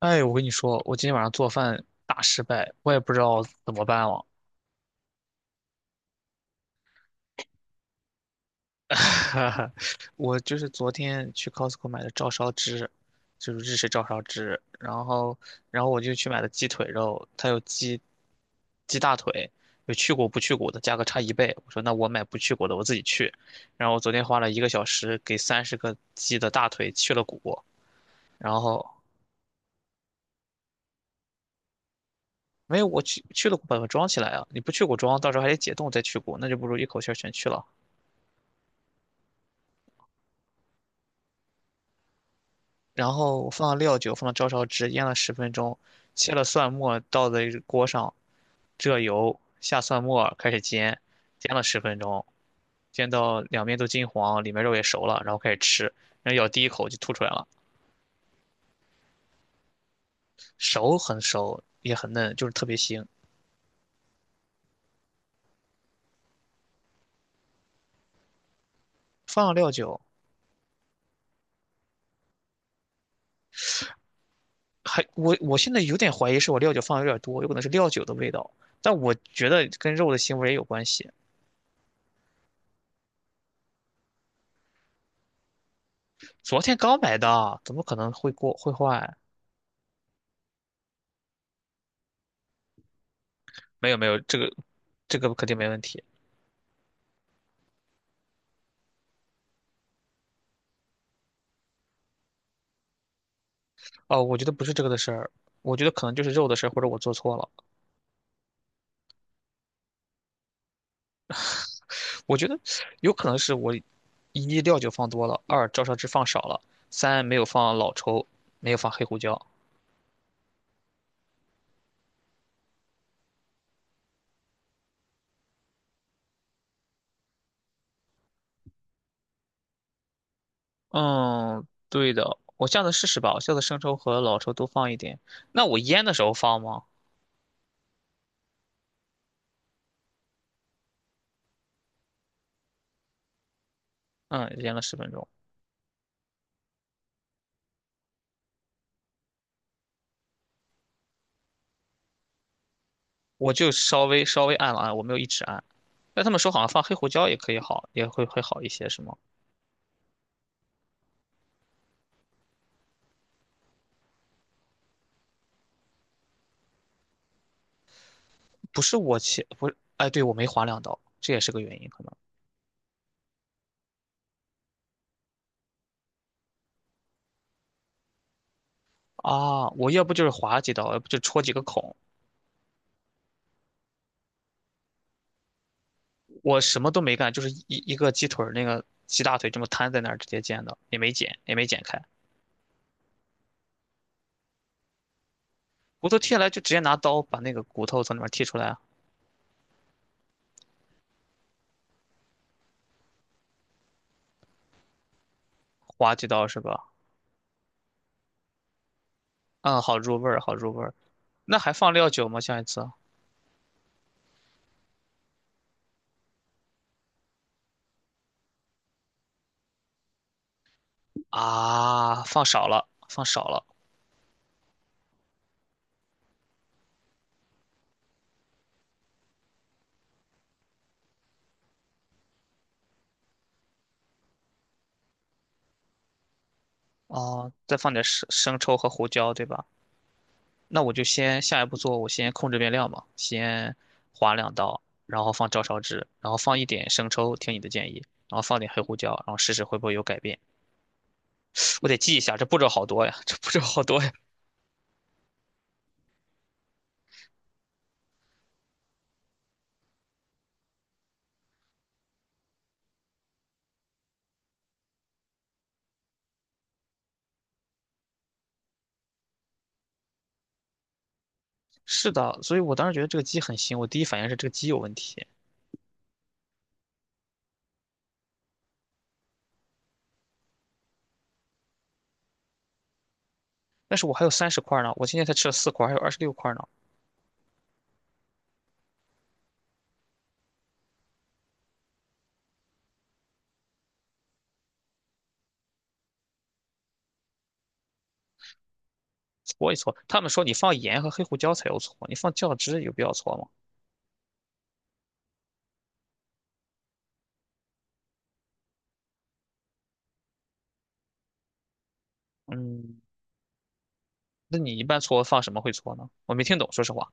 哎，我跟你说，我今天晚上做饭大失败，我也不知道怎么办了。我就是昨天去 Costco 买的照烧汁，就是日式照烧汁，然后我就去买了鸡腿肉，它有鸡，鸡大腿，有去骨不去骨的，价格差一倍。我说那我买不去骨的，我自己去。然后我昨天花了1个小时给30个鸡的大腿去了骨，然后没有我去了骨把它装起来啊，你不去骨装，到时候还得解冻再去骨，那就不如一口气儿全去了。然后放了料酒，放了照烧汁，腌了十分钟，切了蒜末，倒在锅上，热油，下蒜末，开始煎，煎了十分钟，煎到两面都金黄，里面肉也熟了，然后开始吃，然后咬第一口就吐出来了。熟很熟，也很嫩，就是特别腥。放了料酒，还我现在有点怀疑是我料酒放的有点多，有可能是料酒的味道，但我觉得跟肉的腥味儿也有关系。昨天刚买的，怎么可能会过会坏？没有没有，这个肯定没问题。哦，我觉得不是这个的事儿，我觉得可能就是肉的事儿，或者我做错了。我觉得有可能是我，一料酒放多了，二照烧汁放少了，三没有放老抽，没有放黑胡椒。嗯，对的，我下次试试吧，我下次生抽和老抽都放一点。那我腌的时候放吗？嗯，腌了十分钟，我就稍微按了按，我没有一直按。但他们说好像放黑胡椒也可以好，也会好一些，是吗？不是我切，不是，哎，对，我没划两刀，这也是个原因，可能。啊，我要不就是划几刀，要不就戳几个孔，我什么都没干，就是一个鸡腿儿那个鸡大腿这么摊在那儿直接煎的，也没剪，也没剪开，骨头剔下来就直接拿刀把那个骨头从里面剔出来，划几刀是吧？嗯，好入味儿，好入味儿。那还放料酒吗？下一次啊，放少了，放少了。哦，再放点生抽和胡椒，对吧？那我就先下一步做，我先控制变量嘛，先划两刀，然后放照烧汁，然后放一点生抽，听你的建议，然后放点黑胡椒，然后试试会不会有改变。我得记一下，这步骤好多呀，这步骤好多呀。是的，所以我当时觉得这个鸡很腥，我第一反应是这个鸡有问题。但是我还有30块呢，我今天才吃了4块，还有26块呢，搓一搓。他们说你放盐和黑胡椒才有搓，你放酱汁有必要搓吗？嗯，那你一般搓放什么会搓呢？我没听懂，说实话。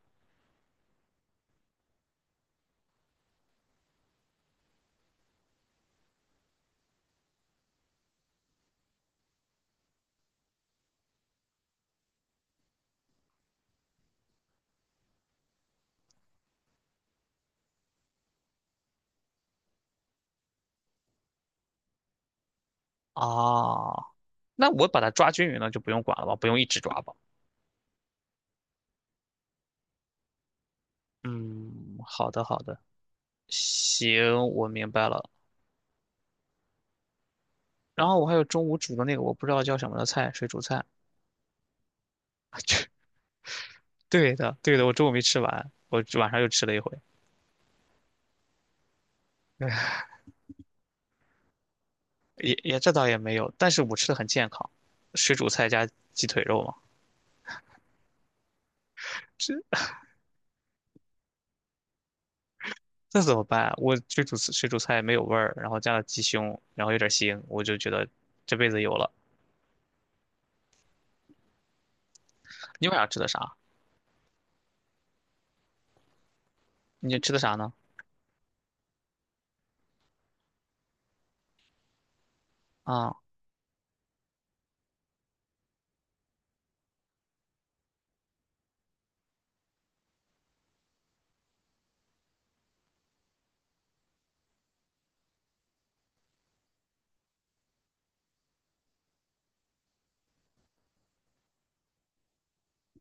啊，那我把它抓均匀了，就不用管了吧，不用一直抓吧。嗯，好的好的，行，我明白了。然后我还有中午煮的那个我不知道叫什么的菜，水煮菜。对的对的，我中午没吃完，我晚上又吃了一回 哎，也这倒也没有，但是我吃的很健康，水煮菜加鸡腿肉嘛。这这怎么办？我水煮菜没有味儿，然后加了鸡胸，然后有点腥，我就觉得这辈子有了。你晚上吃的啥？你吃的啥呢？啊、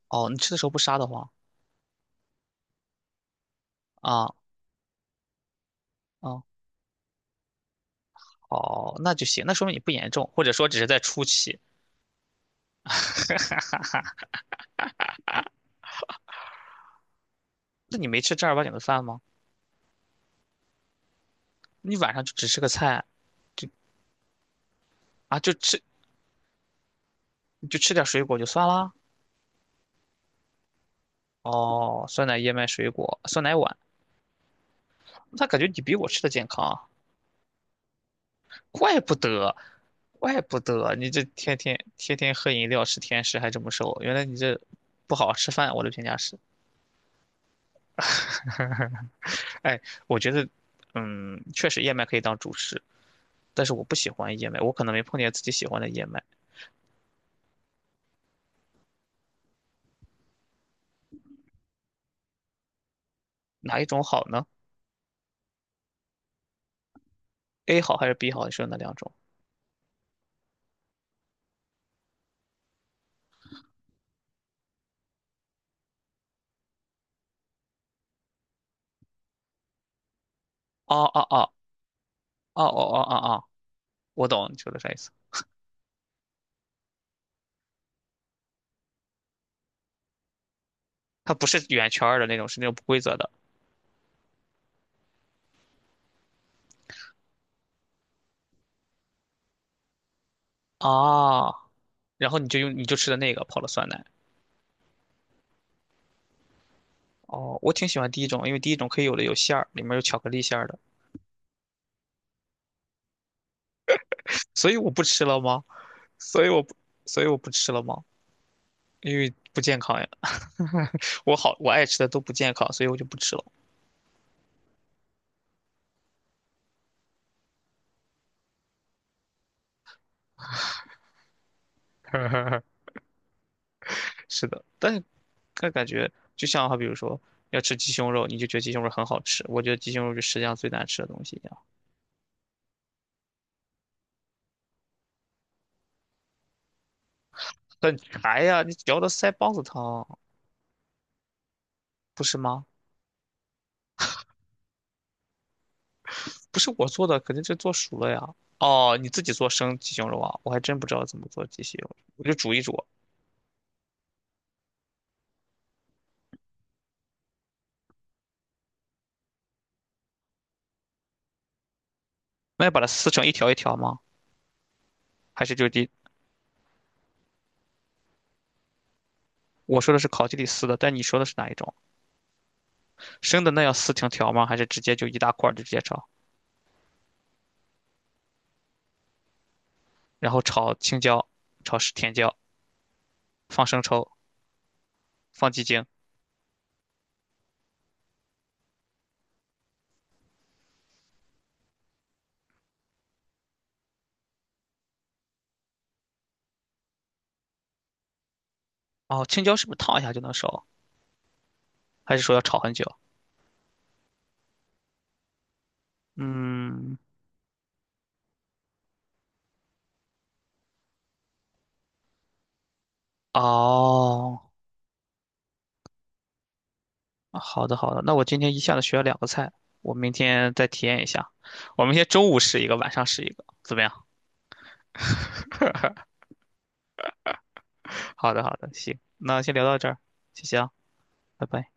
哦，你吃的时候不杀的慌啊、哦，哦，那就行，那说明你不严重，或者说只是在初期。那你没吃正儿八经的饭吗？你晚上就只吃个菜，就啊，就吃就吃点水果就算啦。哦，酸奶、燕麦、水果、酸奶碗，那感觉你比我吃的健康啊。怪不得，怪不得你这天天天天喝饮料吃甜食还这么瘦，原来你这不好好吃饭，我的评价是。哎，我觉得，嗯，确实燕麦可以当主食，但是我不喜欢燕麦，我可能没碰见自己喜欢的燕麦。哪一种好呢？A 好还是 B 好？你说哪两种？哦哦哦哦哦哦哦哦，我懂你说的啥意思。它不是圆圈儿的那种，是那种不规则的啊。然后你就用你就吃的那个泡了酸奶。哦，我挺喜欢第一种，因为第一种可以有的有馅儿，里面有巧克力馅儿的，所以我不吃了吗？所以我不，所以我不吃了吗？因为不健康呀。我好，我爱吃的都不健康，所以我就不吃了。是的，但是但感觉就像哈，比如说要吃鸡胸肉，你就觉得鸡胸肉很好吃，我觉得鸡胸肉是世界上最难吃的东西一样，很柴呀，你嚼的腮帮子疼，不是吗？不是我做的，肯定是做熟了呀。哦，你自己做生鸡胸肉啊？我还真不知道怎么做鸡胸肉，我就煮一煮。那要把它撕成一条一条吗？还是就地？我说的是烤鸡里撕的，但你说的是哪一种？生的那要撕成条吗？还是直接就一大块儿就直接炒？然后炒青椒，炒甜椒，放生抽，放鸡精。哦，青椒是不是烫一下就能熟？还是说要炒很久？嗯，哦，好的好的，那我今天一下子学了两个菜，我明天再体验一下。我明天中午试一个，晚上试一个，怎么样？好的好的，行，那先聊到这儿，谢谢啊，拜拜。